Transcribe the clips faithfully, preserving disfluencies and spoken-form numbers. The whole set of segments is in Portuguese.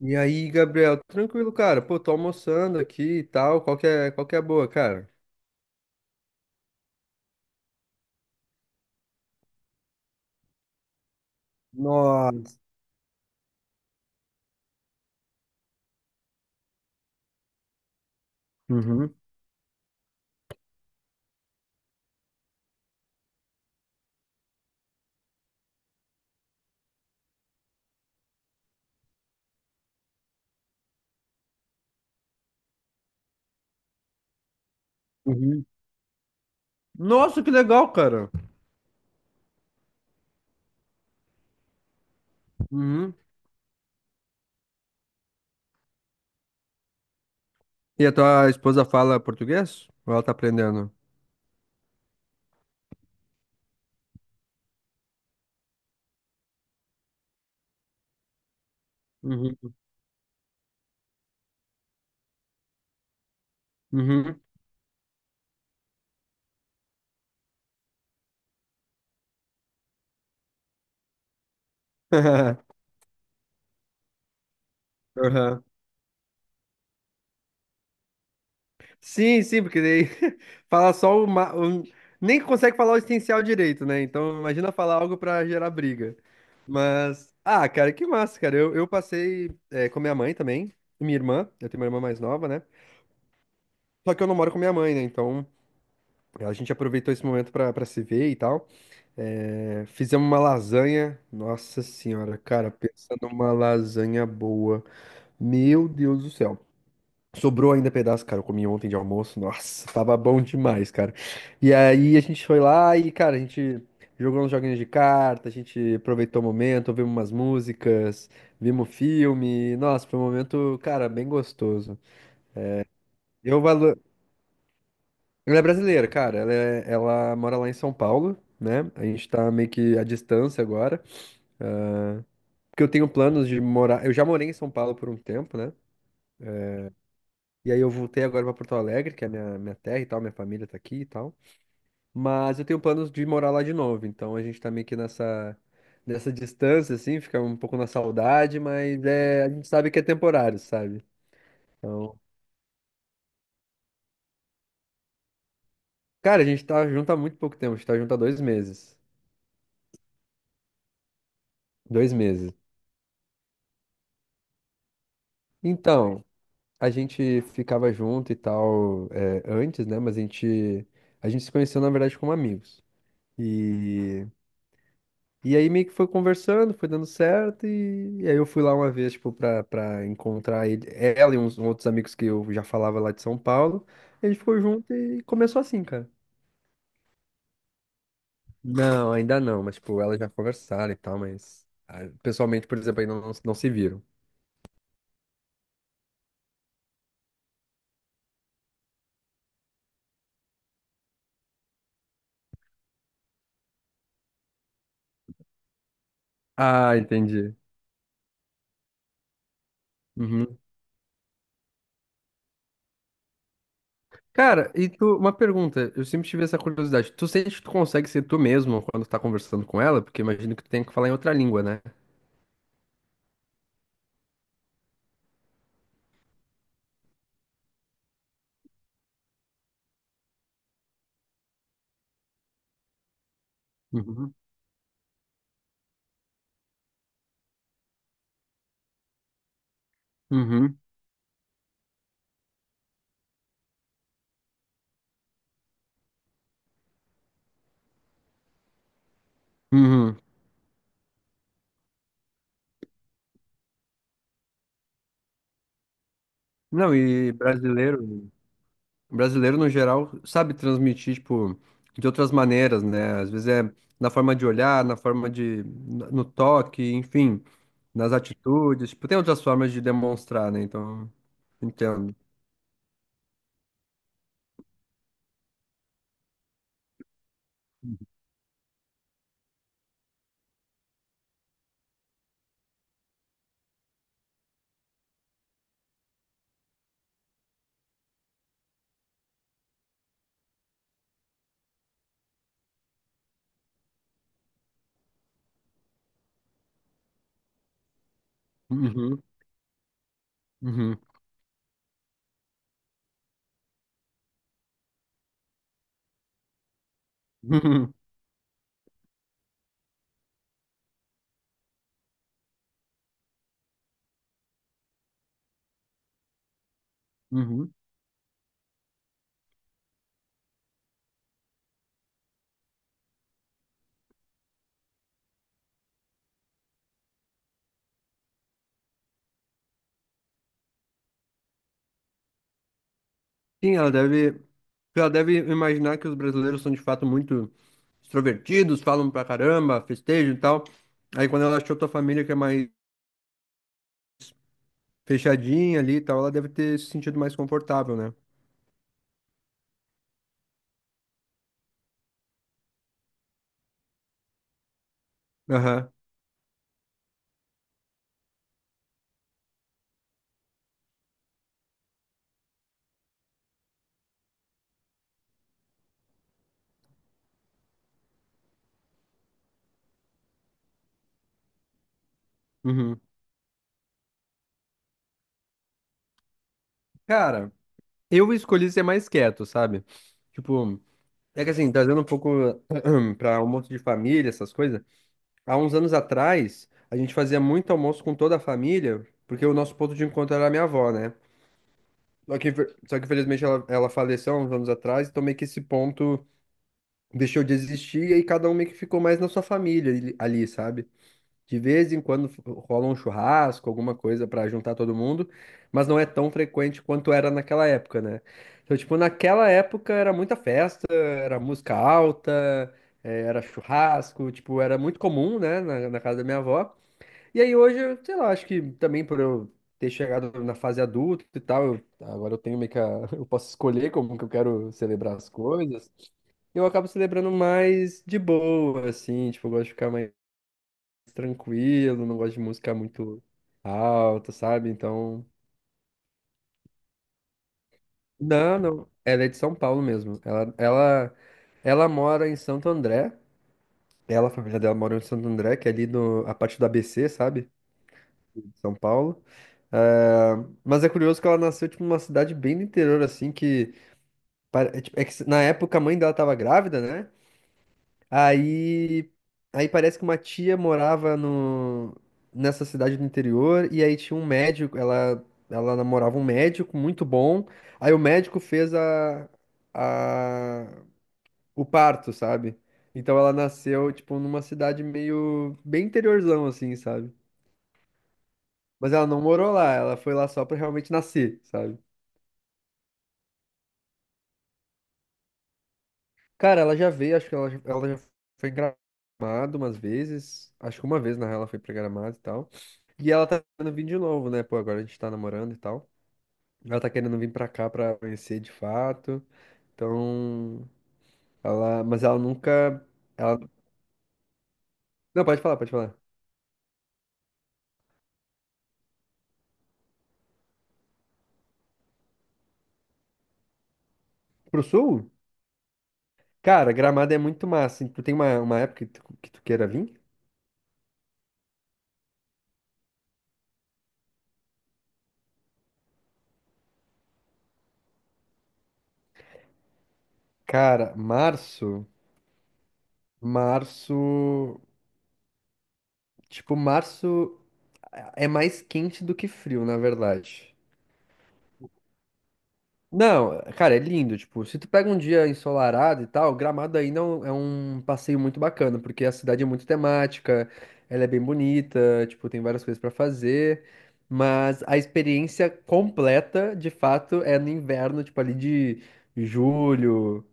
E aí, Gabriel, tranquilo, cara? Pô, tô almoçando aqui e tal. Qual que é, qual que é a boa, cara? Nossa. Uhum. Uhum. Nossa, que legal, cara. Uhum. E a tua esposa fala português? Ou ela tá aprendendo? Uhum. Uhum. Uhum. Sim, sim, porque daí fala só o, ma- o- Nem consegue falar o essencial direito, né? Então imagina falar algo pra gerar briga. Mas. Ah, cara, que massa, cara. Eu, eu passei é, com a minha mãe também, e minha irmã. Eu tenho uma irmã mais nova, né? Só que eu não moro com minha mãe, né? Então a gente aproveitou esse momento pra, pra se ver e tal. É, fizemos uma lasanha. Nossa senhora, cara, pensa numa lasanha boa. Meu Deus do céu. Sobrou ainda pedaço, cara. Eu comi ontem de almoço. Nossa, tava bom demais, cara. E aí a gente foi lá e, cara, a gente jogou uns joguinhos de carta, a gente aproveitou o momento, ouvimos umas músicas, vimos filme. Nossa, foi um momento, cara, bem gostoso. Eu valo- Ela é brasileira, cara. Ela, é- ela mora lá em São Paulo, né? A gente tá meio que à distância agora. Porque eu tenho planos de morar. Eu já morei em São Paulo por um tempo, né? E aí eu voltei agora pra Porto Alegre, que é minha, minha terra e tal, minha família tá aqui e tal. Mas eu tenho planos de morar lá de novo. Então a gente tá meio que nessa, nessa distância, assim, fica um pouco na saudade, mas é, a gente sabe que é temporário, sabe? Então. Cara, a gente tá junto há muito pouco tempo, a gente tá junto há dois meses. Dois meses. Então, a gente ficava junto e tal, é, antes, né? Mas a gente, a gente se conheceu, na verdade, como amigos. E, e aí meio que foi conversando, foi dando certo, e, e aí eu fui lá uma vez, tipo, pra, pra encontrar ele, ela e uns outros amigos que eu já falava lá de São Paulo. A gente ficou junto e começou assim, cara. Não, ainda não, mas, tipo, elas já conversaram e tal, mas ah, pessoalmente, por exemplo, ainda não, não se viram. Ah, entendi. Uhum. Cara, e tu, uma pergunta, eu sempre tive essa curiosidade. Tu sente que tu consegue ser tu mesmo quando tu tá conversando com ela? Porque imagino que tu tenha que falar em outra língua, né? Uhum. Uhum. Uhum. Não, e brasileiro, brasileiro no geral sabe transmitir, tipo, de outras maneiras, né? Às vezes é na forma de olhar, na forma de, no toque, enfim, nas atitudes. Tipo, tem outras formas de demonstrar, né? Então, entendo. Uhum. Uhum. Uhum. Uhum. Sim, ela deve, ela deve imaginar que os brasileiros são de fato muito extrovertidos, falam pra caramba, festejam e tal. Aí quando ela achou tua família que é mais fechadinha ali e tal, ela deve ter se sentido mais confortável, né? Aham. Uhum. Cara, eu escolhi ser mais quieto, sabe? Tipo, é que assim, trazendo um pouco pra almoço de família, essas coisas. Há uns anos atrás, a gente fazia muito almoço com toda a família, porque o nosso ponto de encontro era a minha avó, né? Só que, infe- só que infelizmente ela, ela faleceu há uns anos atrás, então meio que esse ponto deixou de existir e aí cada um meio que ficou mais na sua família ali, ali, sabe? De vez em quando f- rola um churrasco, alguma coisa pra juntar todo mundo, mas não é tão frequente quanto era naquela época, né? Então, tipo, naquela época era muita festa, era música alta, eh, era churrasco, tipo, era muito comum, né, na, na casa da minha avó. E aí hoje, eu, sei lá, acho que também por eu ter chegado na fase adulta e tal, eu- agora eu tenho meio que a, eu posso escolher como que eu quero celebrar as coisas. Eu acabo celebrando mais de boa, assim, tipo, eu gosto de ficar mais tranquilo, não gosto de música muito alta, sabe? Então, não, não. Ela é de São Paulo mesmo. Ela, ela, ela mora em Santo André. Ela, a família dela mora em Santo André, que é ali no, a parte do A B C, sabe? São Paulo. Ah, mas é curioso que ela nasceu, tipo, numa cidade bem do interior, assim, que... pare- É tipo, é que na época a mãe dela tava grávida, né? Aí... Aí parece que uma tia morava no... nessa cidade do interior, e aí tinha um médico, ela... Ela namorava um médico muito bom, aí o médico fez a... a... o parto, sabe? Então ela nasceu, tipo, numa cidade meio... bem interiorzão, assim, sabe? Mas ela não morou lá, ela foi lá só pra realmente nascer, sabe? Cara, ela já veio, acho que ela, já- ela já foi em Gramado umas vezes. Acho que uma vez, na real, ela foi pra Gramado e tal. E ela tá querendo vir de novo, né? Pô, agora a gente tá namorando e tal. Ela tá querendo vir pra cá pra conhecer de fato. Então, ela. Mas ela nunca. Ela... Não, pode falar, pode falar. Pro sul? Cara, Gramado é muito massa. Hein? Tu tem uma, uma época que tu, que tu queira vir? Cara, março. Março. Tipo, março. É mais quente do que frio, na verdade. Não, cara, é lindo. Tipo, se tu pega um dia ensolarado e tal, Gramado ainda é um é um passeio muito bacana, porque a cidade é muito temática, ela é bem bonita, tipo, tem várias coisas pra fazer. Mas a experiência completa, de fato, é no inverno, tipo, ali de julho,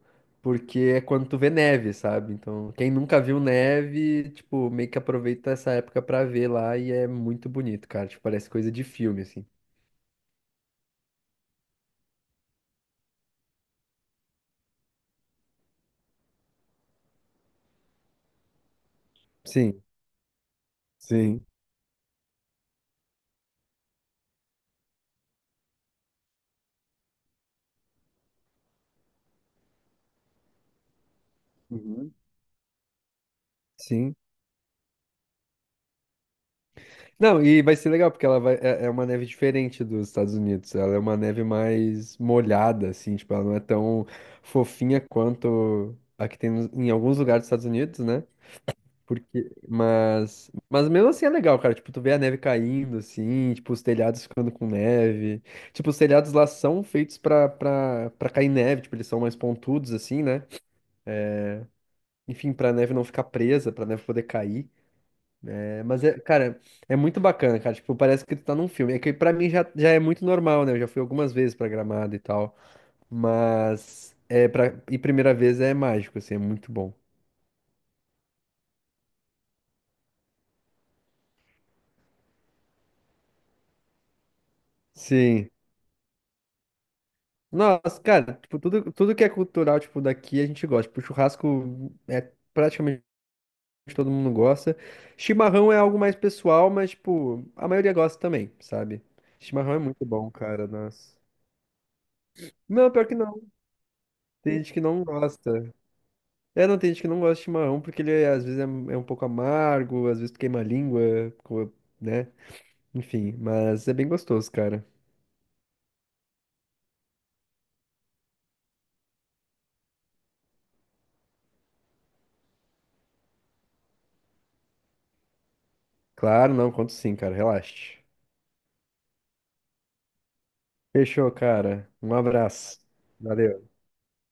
porque é quando tu vê neve, sabe? Então, quem nunca viu neve, tipo, meio que aproveita essa época pra ver lá e é muito bonito, cara. Tipo, parece coisa de filme, assim. Sim, sim. Uhum. Sim. Não, e vai ser legal, porque ela vai, é, é uma neve diferente dos Estados Unidos. Ela é uma neve mais molhada, assim, tipo, ela não é tão fofinha quanto a que tem nos- em alguns lugares dos Estados Unidos, né? Porque, mas, mas mesmo assim é legal, cara. Tipo, tu vê a neve caindo, assim, tipo, os telhados ficando com neve. Tipo, os telhados lá são feitos pra, pra, pra cair neve, tipo, eles são mais pontudos, assim, né? Enfim, pra neve não ficar presa, pra neve poder cair. É, mas, é, cara, é muito bacana, cara. Tipo, parece que tu tá num filme. É que pra mim já, já é muito normal, né? Eu já fui algumas vezes pra Gramado e tal. Mas, é, pra, e primeira vez é mágico, assim, é muito bom. Sim. Nossa, cara, tipo, tudo, tudo que é cultural, tipo, daqui a gente gosta. Tipo, churrasco é praticamente todo mundo gosta. Chimarrão é algo mais pessoal, mas, tipo, a maioria gosta também, sabe? Chimarrão é muito bom, cara, nossa. Não, pior que não. Tem gente que não gosta. É, não, tem gente que não gosta de chimarrão porque ele é- às vezes é, um é um pouco amargo, às vezes tu queima a língua, co- né? Enfim, mas é bem gostoso, cara. Claro, não, conto sim, cara, relaxe. Fechou, cara. Um abraço. Valeu.